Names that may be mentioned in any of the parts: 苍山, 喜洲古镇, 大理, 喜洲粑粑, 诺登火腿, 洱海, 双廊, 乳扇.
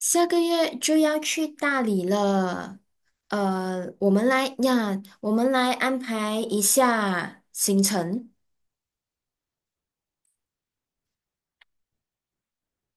下个月就要去大理了，我们来安排一下行程。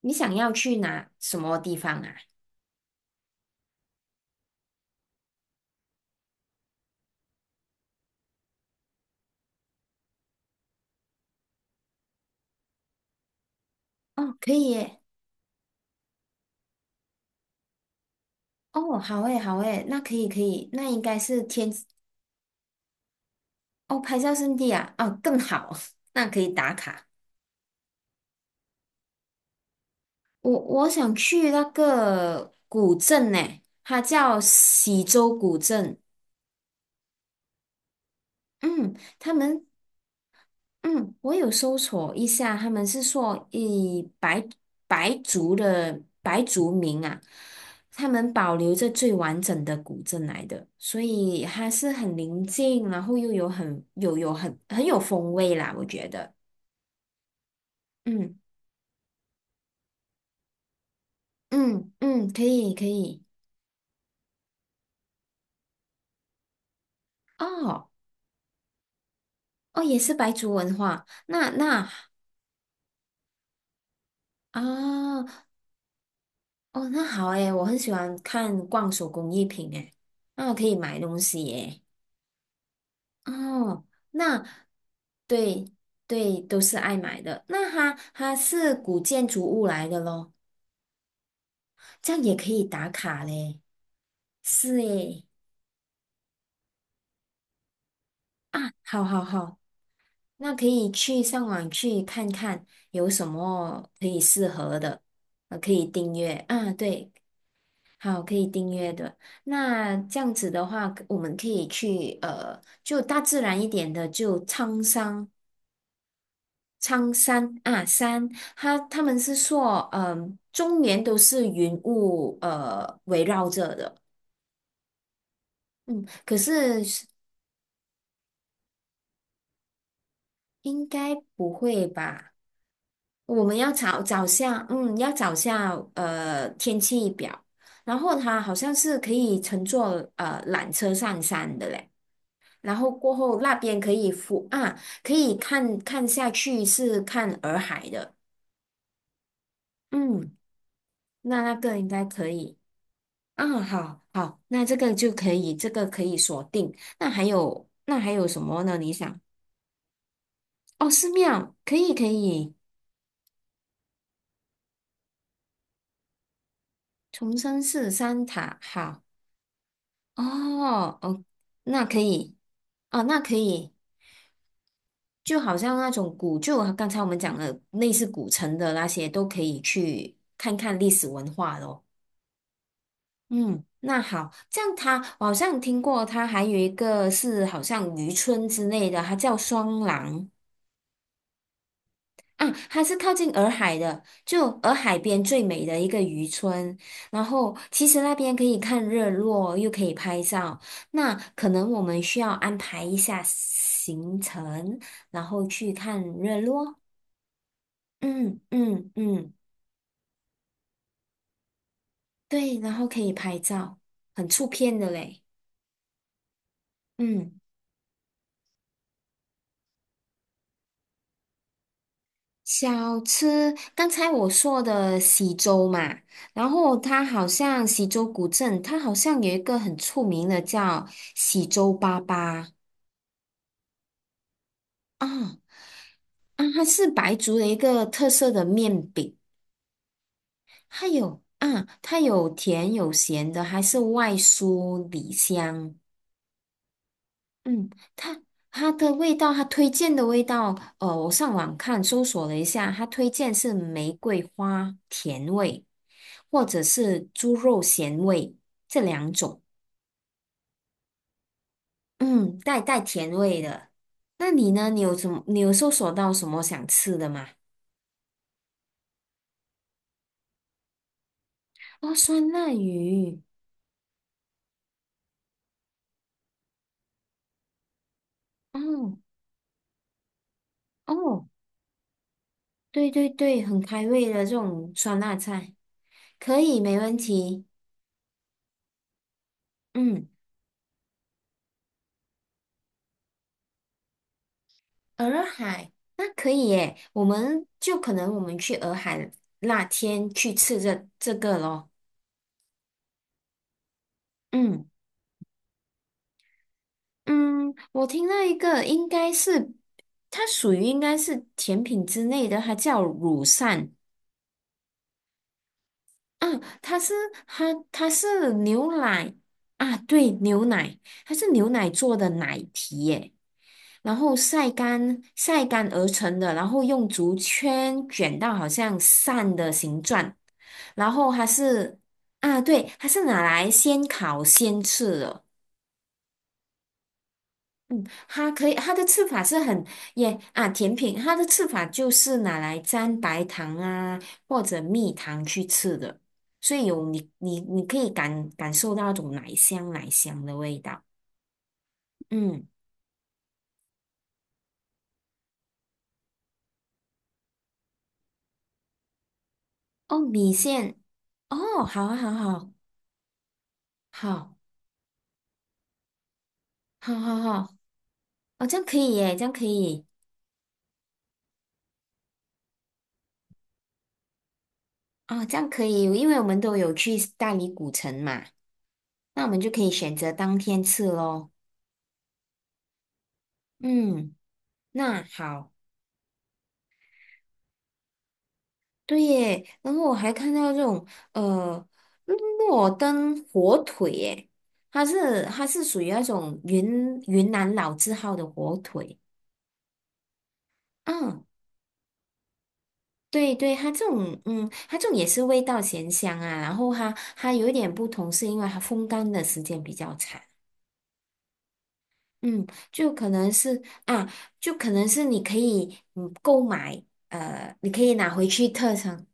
你想要去哪什么地方啊？哦，可以耶。哦，好诶，好诶，那可以可以，那应该是天，哦，拍照圣地啊，哦，更好，那可以打卡。我想去那个古镇呢，它叫喜洲古镇。嗯，他们嗯，我有搜索一下，他们是说以白族的白族民啊，他们保留着最完整的古镇来的，所以它是很宁静，然后又有很有风味啦，我觉得。嗯嗯嗯，可以可以。哦哦，也是白族文化，那啊哦，那好诶，我很喜欢看逛手工艺品诶，那我可以买东西耶。哦，那对对，都是爱买的。那它是古建筑物来的咯，这样也可以打卡嘞。是诶，啊，好好好，那可以去上网去看看有什么可以适合的，可以订阅啊，对，好，可以订阅的。那这样子的话，我们可以去，就大自然一点的，就苍山。苍山啊，他们是说，终年都是云雾围绕着的，嗯，可是应该不会吧？我们要找找下，要找下天气表，然后它好像是可以乘坐缆车上山的嘞，然后过后那边可以俯啊，可以看看下去是看洱海的，嗯，那那个应该可以。啊，好好，那这个就可以，这个可以锁定。那还有什么呢？你想，哦，寺庙，可以可以，重生寺三塔，好，哦哦，那可以，哦，那可以，就好像那种古旧，刚才我们讲的类似古城的那些，都可以去看看历史文化咯。嗯，那好，这样它，我好像听过，它还有一个是好像渔村之类的，它叫双廊。啊，它是靠近洱海的，就洱海边最美的一个渔村。然后其实那边可以看日落，又可以拍照。那可能我们需要安排一下行程，然后去看日落。嗯嗯嗯，对，然后可以拍照，很出片的嘞。嗯。小吃，刚才我说的喜洲嘛，然后它好像喜洲古镇，它好像有一个很出名的叫喜洲粑粑啊啊，它是白族的一个特色的面饼，还有啊，它有甜有咸的，还是外酥里香。嗯，它它推荐的味道，我上网看搜索了一下，它推荐是玫瑰花甜味，或者是猪肉咸味这两种，带甜味的。那你呢？你有什么？你有搜索到什么想吃的吗？哦，酸辣鱼，哦哦，对对对，很开胃的这种酸辣菜，可以，没问题。嗯。洱海，那可以耶，我们就可能我们去洱海那天去吃这个咯。嗯嗯，我听到一个应该是它属于应该是甜品之类的，它叫乳扇，啊，它是它它是牛奶啊，对，牛奶，它是牛奶做的奶皮耶，然后晒干晒干而成的，然后用竹圈卷到好像扇的形状，然后它是啊，对，它是拿来先烤先吃的。嗯，它可以，它的吃法是很耶啊，甜品它的吃法就是拿来沾白糖啊或者蜜糖去吃的，所以有你可以感受到那种奶香奶香的味道。嗯，哦，米线，哦，好啊，好啊好好好好好，哦，这样可以耶，这样可以，哦，这样可以，因为我们都有去大理古城嘛，那我们就可以选择当天吃咯。嗯，那好。对耶，然后我还看到这种呃诺登火腿耶，它是属于那种云南老字号的火腿。嗯，对对，它这种也是味道咸香啊，然后它有一点不同，是因为它风干的时间比较长。嗯，就可能是啊，就可能是你可以购买你可以拿回去特产。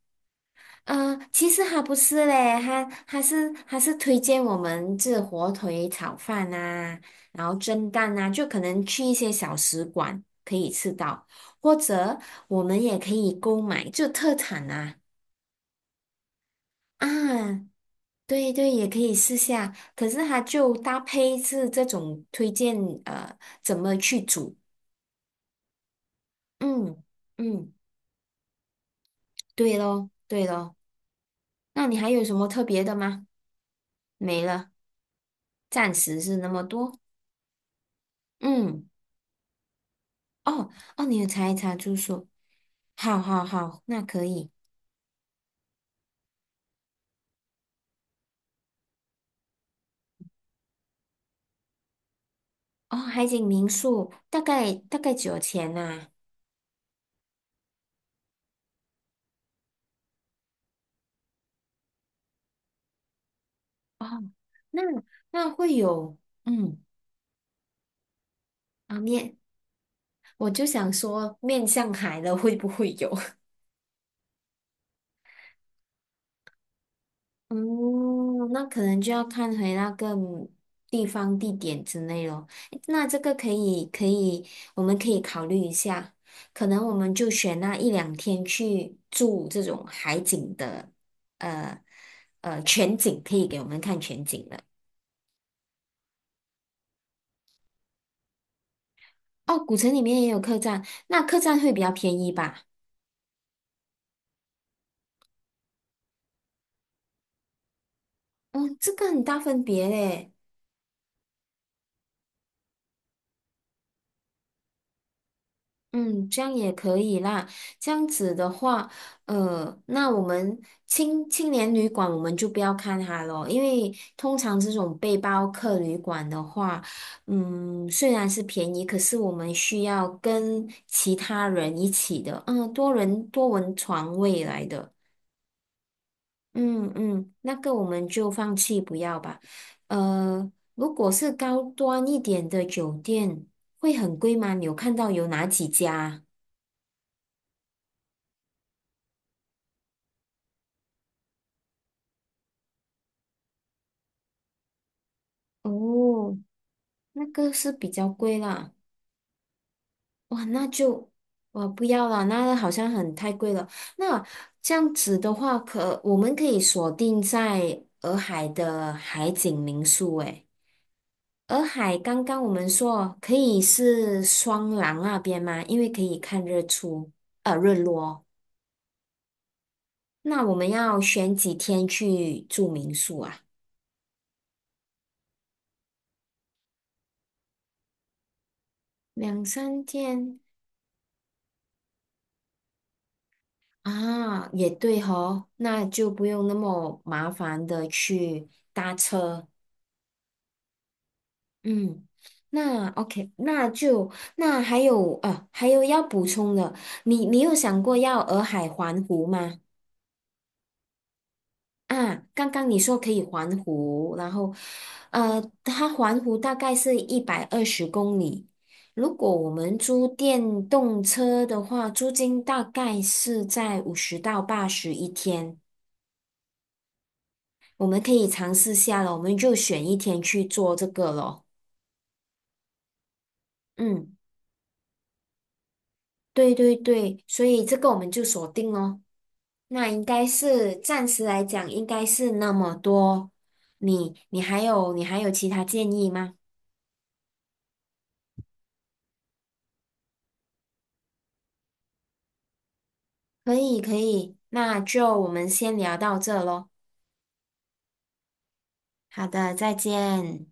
嗯，其实还不是嘞，还是推荐我们这火腿炒饭啊，然后蒸蛋啊，就可能去一些小食馆可以吃到，或者我们也可以购买，就特产啊啊，对对，也可以试下。可是它就搭配是这种推荐，呃，怎么去煮？嗯嗯，对咯对咯。那你还有什么特别的吗？没了，暂时是那么多。嗯。哦哦，你有查一查住宿，好好好，那可以。哦，海景民宿大概几千呐、哦，那那会有，嗯啊面，我就想说面向海的会不会有？嗯，那可能就要看回那个地方、地点之类咯。诶那这个可以，可以，我们可以考虑一下。可能我们就选那一两天去住这种海景的，呃全景可以给我们看全景的。哦，古城里面也有客栈，那客栈会比较便宜吧？哦，这个很大分别嘞。嗯，这样也可以啦。这样子的话，那我们青年旅馆我们就不要看它咯，因为通常这种背包客旅馆的话，虽然是便宜，可是我们需要跟其他人一起的，多人床位来的，嗯嗯，那个我们就放弃不要吧。呃，如果是高端一点的酒店，会很贵吗？你有看到有哪几家啊哦，那个是比较贵啦，哇，那就我不要了，那好像很太贵了。那这样子的话，可我们可以锁定在洱海的海景民宿。诶，洱海刚刚我们说可以是双廊那边吗？因为可以看日出，日落。那我们要选几天去住民宿啊？两三天。啊，也对哦，那就不用那么麻烦的去搭车。嗯，那 OK，那还有啊，还有要补充的，你有想过要洱海环湖吗？啊，刚刚你说可以环湖，然后它环湖大概是120公里。如果我们租电动车的话，租金大概是在50到80一天。我们可以尝试下了，我们就选一天去做这个咯。嗯，对对对，所以这个我们就锁定咯。那应该是暂时来讲，应该是那么多。你还有其他建议吗？可以可以，那就我们先聊到这咯。好的，再见。